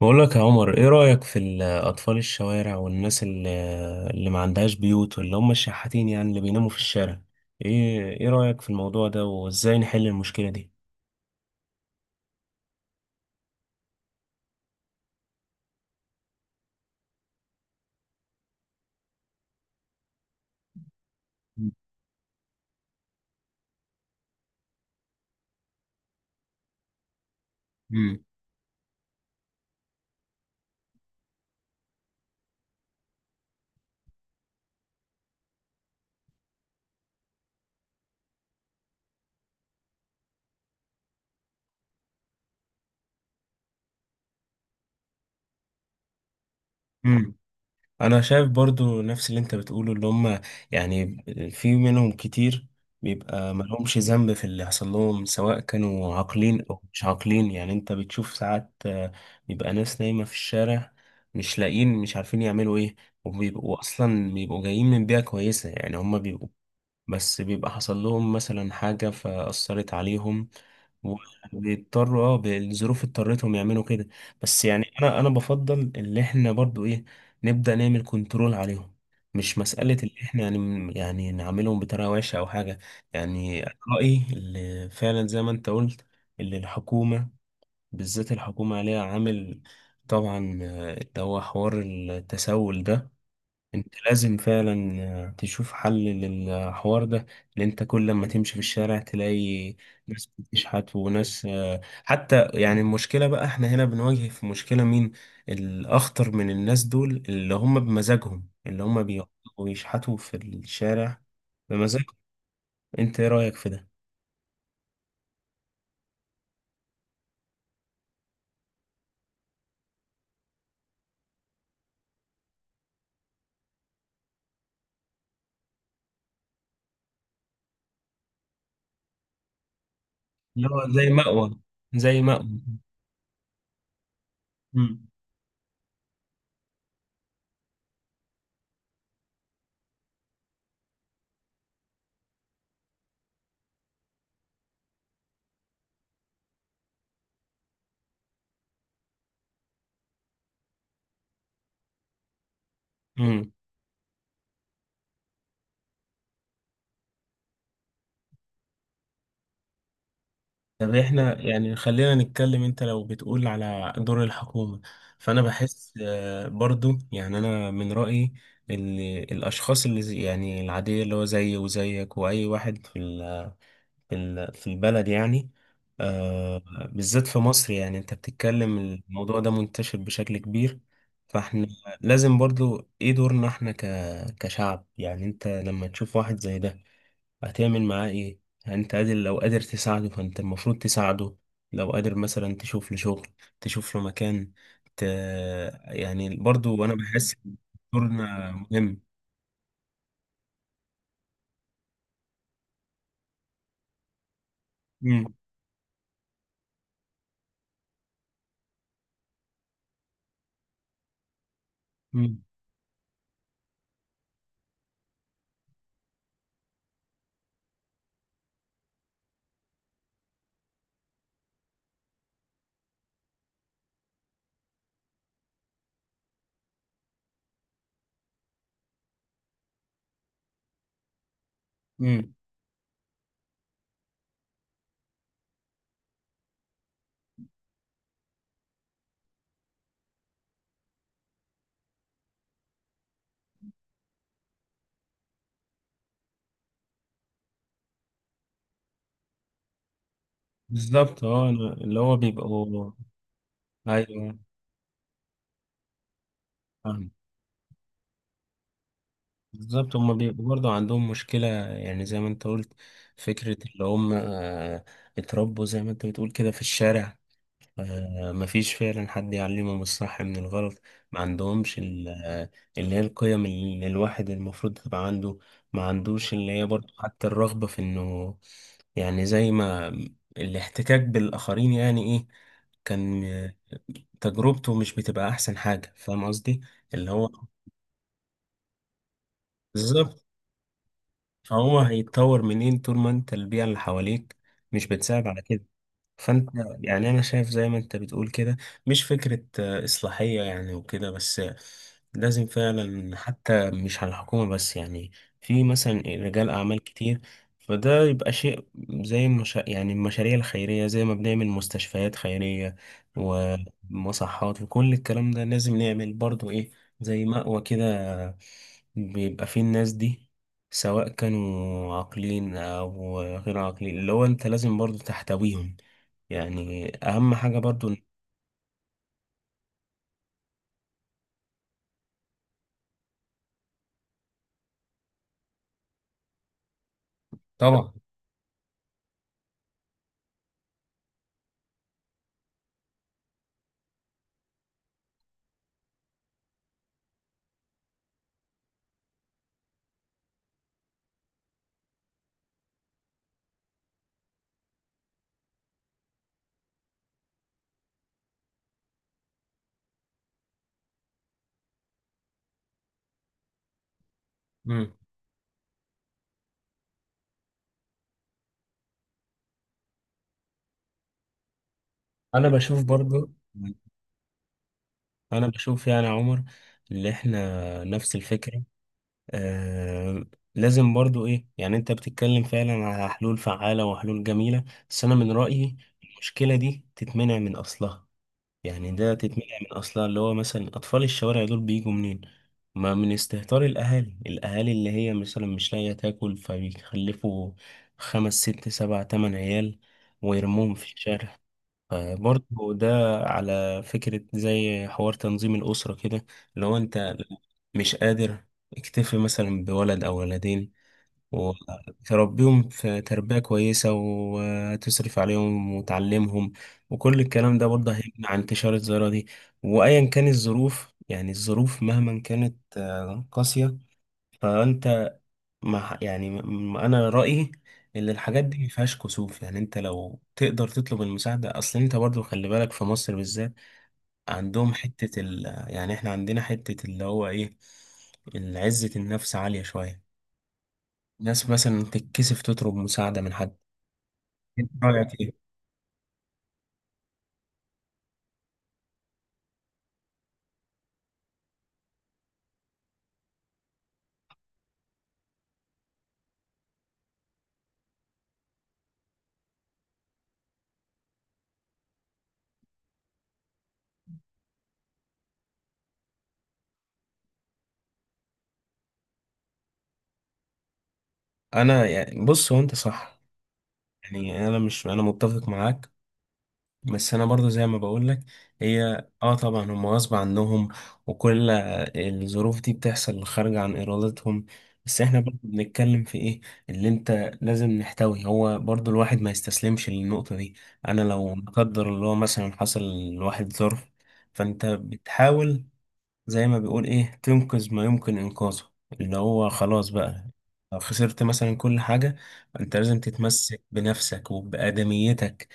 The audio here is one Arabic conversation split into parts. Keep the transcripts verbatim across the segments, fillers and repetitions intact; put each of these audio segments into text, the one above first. بقول لك يا عمر، ايه رأيك في ال- اطفال الشوارع والناس اللي, اللي ما عندهاش بيوت واللي هم الشحاتين، يعني اللي بيناموا في الشارع؟ ايه ايه رأيك في الموضوع ده وازاي نحل المشكلة دي؟ مم. مم. انا شايف برضو نفس اللي انت بتقوله، اللي هم يعني في منهم كتير بيبقى ملهمش ذنب في اللي حصل لهم، سواء كانوا عاقلين او مش عاقلين. يعني انت بتشوف ساعات آه، بيبقى ناس نايمة في الشارع، مش لاقيين، مش عارفين يعملوا ايه، وبيبقوا اصلا بيبقوا جايين من بيئة كويسة، يعني هم بيبقوا بس بيبقى حصل لهم مثلا حاجة فأثرت عليهم، وبيضطروا اه بالظروف اضطرتهم يعملوا كده. بس يعني أنا أنا بفضل اللي إحنا برضو إيه، نبدأ نعمل كنترول عليهم. مش مسألة اللي إحنا يعني يعني نعملهم بطريقة وحشة أو حاجة. يعني أنا رأيي اللي فعلا زي ما أنت قلت، اللي الحكومة، بالذات الحكومة عليها عامل، طبعا آه، اللي هو حوار التسول ده. انت لازم فعلا آه، تشوف حل للحوار ده، لان انت كل لما تمشي في الشارع تلاقي ناس بتشحت وناس آه، حتى. يعني المشكلة بقى احنا هنا بنواجه في مشكلة مين الاخطر من الناس دول، اللي هم بمزاجهم، اللي هم بيقعدوا يشحتوا في الشارع بمزاجهم. انت ايه رأيك في ده؟ اللي هو زي مأوى، زي مأوى. مم. طب احنا يعني خلينا نتكلم، انت لو بتقول على دور الحكومة، فانا بحس آه، برضو يعني انا من رأيي ان الاشخاص اللي زي- يعني العادية، اللي هو زيي وزيك واي واحد في ال- في ال- في البلد، يعني آه، بالذات في مصر. يعني انت بتتكلم، الموضوع ده منتشر بشكل كبير. فاحنا لازم برضو ايه دورنا احنا ك- كشعب. يعني انت لما تشوف واحد زي ده هتعمل معاه ايه؟ يعني انت قادر، لو قادر تساعده فانت المفروض تساعده، لو قادر مثلا تشوف له شغل، تشوف له مكان، ت... يعني برضو انا بحس ان دورنا مهم. مم. مم. مم. بالظبط. اه أنا- اللي هو بيبقوا ايوه، فاهم. بالظبط هما بيبقوا برضو عندهم مشكلة، يعني زي ما انت قلت، فكرة اللي هم آه، اتربوا زي ما انت بتقول كده في الشارع آه، مفيش فعلا حد يعلمهم الصح من الغلط. ما عندهمش ال- آه، اللي هي القيم اللي الواحد المفروض تبقى عنده. ما عندوش اللي هي برضه حتى الرغبة في انه، يعني زي ما الاحتكاك بالآخرين، يعني ايه، كان آه، تجربته مش بتبقى احسن حاجة. فاهم قصدي؟ اللي هو بالظبط، فهو هيتطور منين طول ما انت البيئة اللي حواليك مش بتساعد على كده؟ فانت يعني انا شايف زي ما انت بتقول كده، مش فكرة آه، اصلاحية يعني وكده بس، آه، لازم فعلا حتى مش على الحكومة بس. يعني في مثلا رجال اعمال كتير، فده يبقى شيء زي المشا... يعني المشاريع الخيرية. زي ما بنعمل مستشفيات خيرية ومصحات وكل الكلام ده، لازم نعمل برضو ايه، زي مأوى كده بيبقى فيه الناس دي، سواء كانوا عاقلين أو غير عاقلين، اللي هو أنت لازم برضو تحتويهم. يعني أهم حاجة برضو إن- طبعا. مم. أنا بشوف برضو، أنا بشوف يعني يا عمر، اللي إحنا نفس الفكرة، آه لازم برضو إيه. يعني أنت بتتكلم فعلا على حلول فعالة وحلول جميلة، بس أنا من رأيي المشكلة دي تتمنع من أصلها. يعني ده تتمنع من اصلها، اللي هو مثلا اطفال الشوارع دول بيجوا منين؟ ما من استهتار الاهالي، الاهالي اللي هي مثلا مش لاقيه تاكل، فبيخلفوا خمس ست سبع تمن عيال ويرموهم في الشارع. فبرضه ده على فكرة زي حوار تنظيم الأسرة كده. لو أنت مش قادر، اكتفي مثلا بولد أو ولدين، وتربيهم في تربية كويسة، وتصرف عليهم، وتعلمهم، وكل الكلام ده برضه هيمنع انتشار الظاهرة دي. وأيا كان الظروف، يعني الظروف مهما كانت آه، قاسية، فأنت مع يعني م- م- أنا رأيي إن الحاجات دي مفيهاش كسوف. يعني أنت لو تقدر تطلب المساعدة، أصل أنت برضه خلي بالك في مصر بالذات، عندهم حتة ال يعني إحنا عندنا حتة اللي هو إيه، عزة النفس عالية شوية. ناس مثلا تتكسف تطلب مساعدة من حد. رأيك ايه؟ انا يعني بص، هو انت صح، يعني انا مش، انا متفق معاك. بس انا برضو زي ما بقول لك، هي اه طبعا هم غصب عنهم وكل الظروف دي بتحصل خارجة عن ارادتهم. بس احنا برضو بنتكلم في ايه اللي انت لازم نحتوي. هو برضو الواحد ما يستسلمش للنقطة دي. انا لو لا قدر الله مثلا حصل لواحد ظرف، فانت بتحاول زي ما بيقول ايه، تنقذ ما يمكن انقاذه، اللي هو خلاص بقى لو خسرت مثلا كل حاجة، انت لازم تتمسك بنفسك وبآدميتك.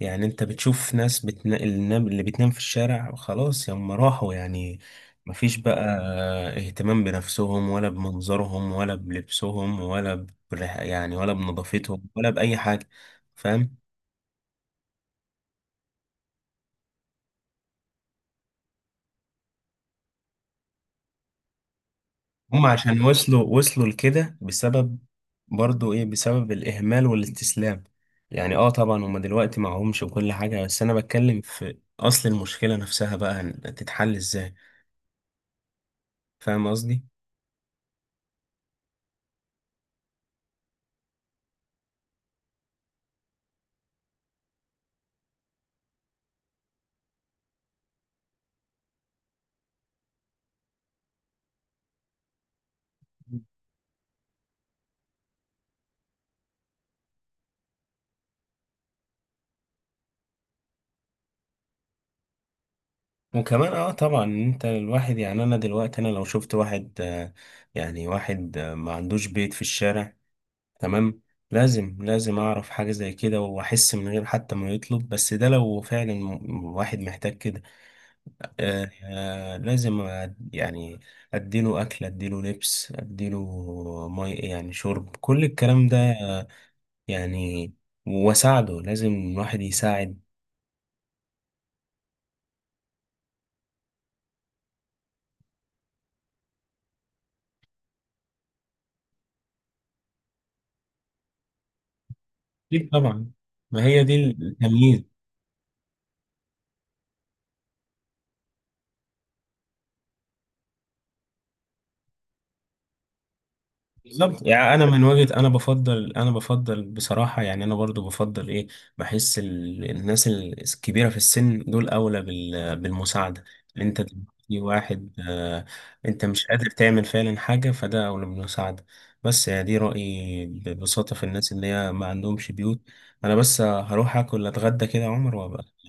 يعني انت بتشوف ناس بتنا... النام- اللي بتنام في الشارع خلاص، هم راحوا يعني، مفيش بقى اهتمام بنفسهم ولا بمنظرهم ولا بلبسهم ولا بريح... يعني ولا بنظافتهم ولا بأي حاجة. فاهم؟ هم عشان وصلوا وصلوا لكده بسبب، برضو ايه، بسبب الإهمال والاستسلام. يعني اه طبعا هم دلوقتي معهمش وكل حاجة، بس أنا بتكلم في أصل المشكلة نفسها بقى، هن- تتحل ازاي؟ فاهم قصدي؟ وكمان اه طبعا انت الواحد، يعني انا دلوقتي انا لو شفت واحد آه، يعني واحد آه، ما عندوش بيت في الشارع، تمام، لازم لازم اعرف حاجة زي كده واحس من غير حتى ما يطلب، بس ده لو فعلا م- واحد محتاج كده. آه آه، لازم أد- يعني اديله اكل، اديله لبس، اديله مي يعني شرب، كل الكلام ده آه، يعني، واساعده. لازم الواحد يساعد. أكيد طبعا، ما هي دي التمييز. بالظبط. يعني انا من وجهة، انا بفضل انا بفضل بصراحة، يعني انا برضو بفضل ايه، بحس ال- الناس ال- الكبيرة في السن دول اولى بال- بالمساعدة. ان انت دلوقتي واحد آه، انت مش قادر تعمل فعلا حاجة، فده اولى بالمساعدة. بس يعني دي رأيي ببساطة في الناس اللي هي ما عندهمش بيوت. انا بس هروح اكل اتغدى كده يا عمر وابقى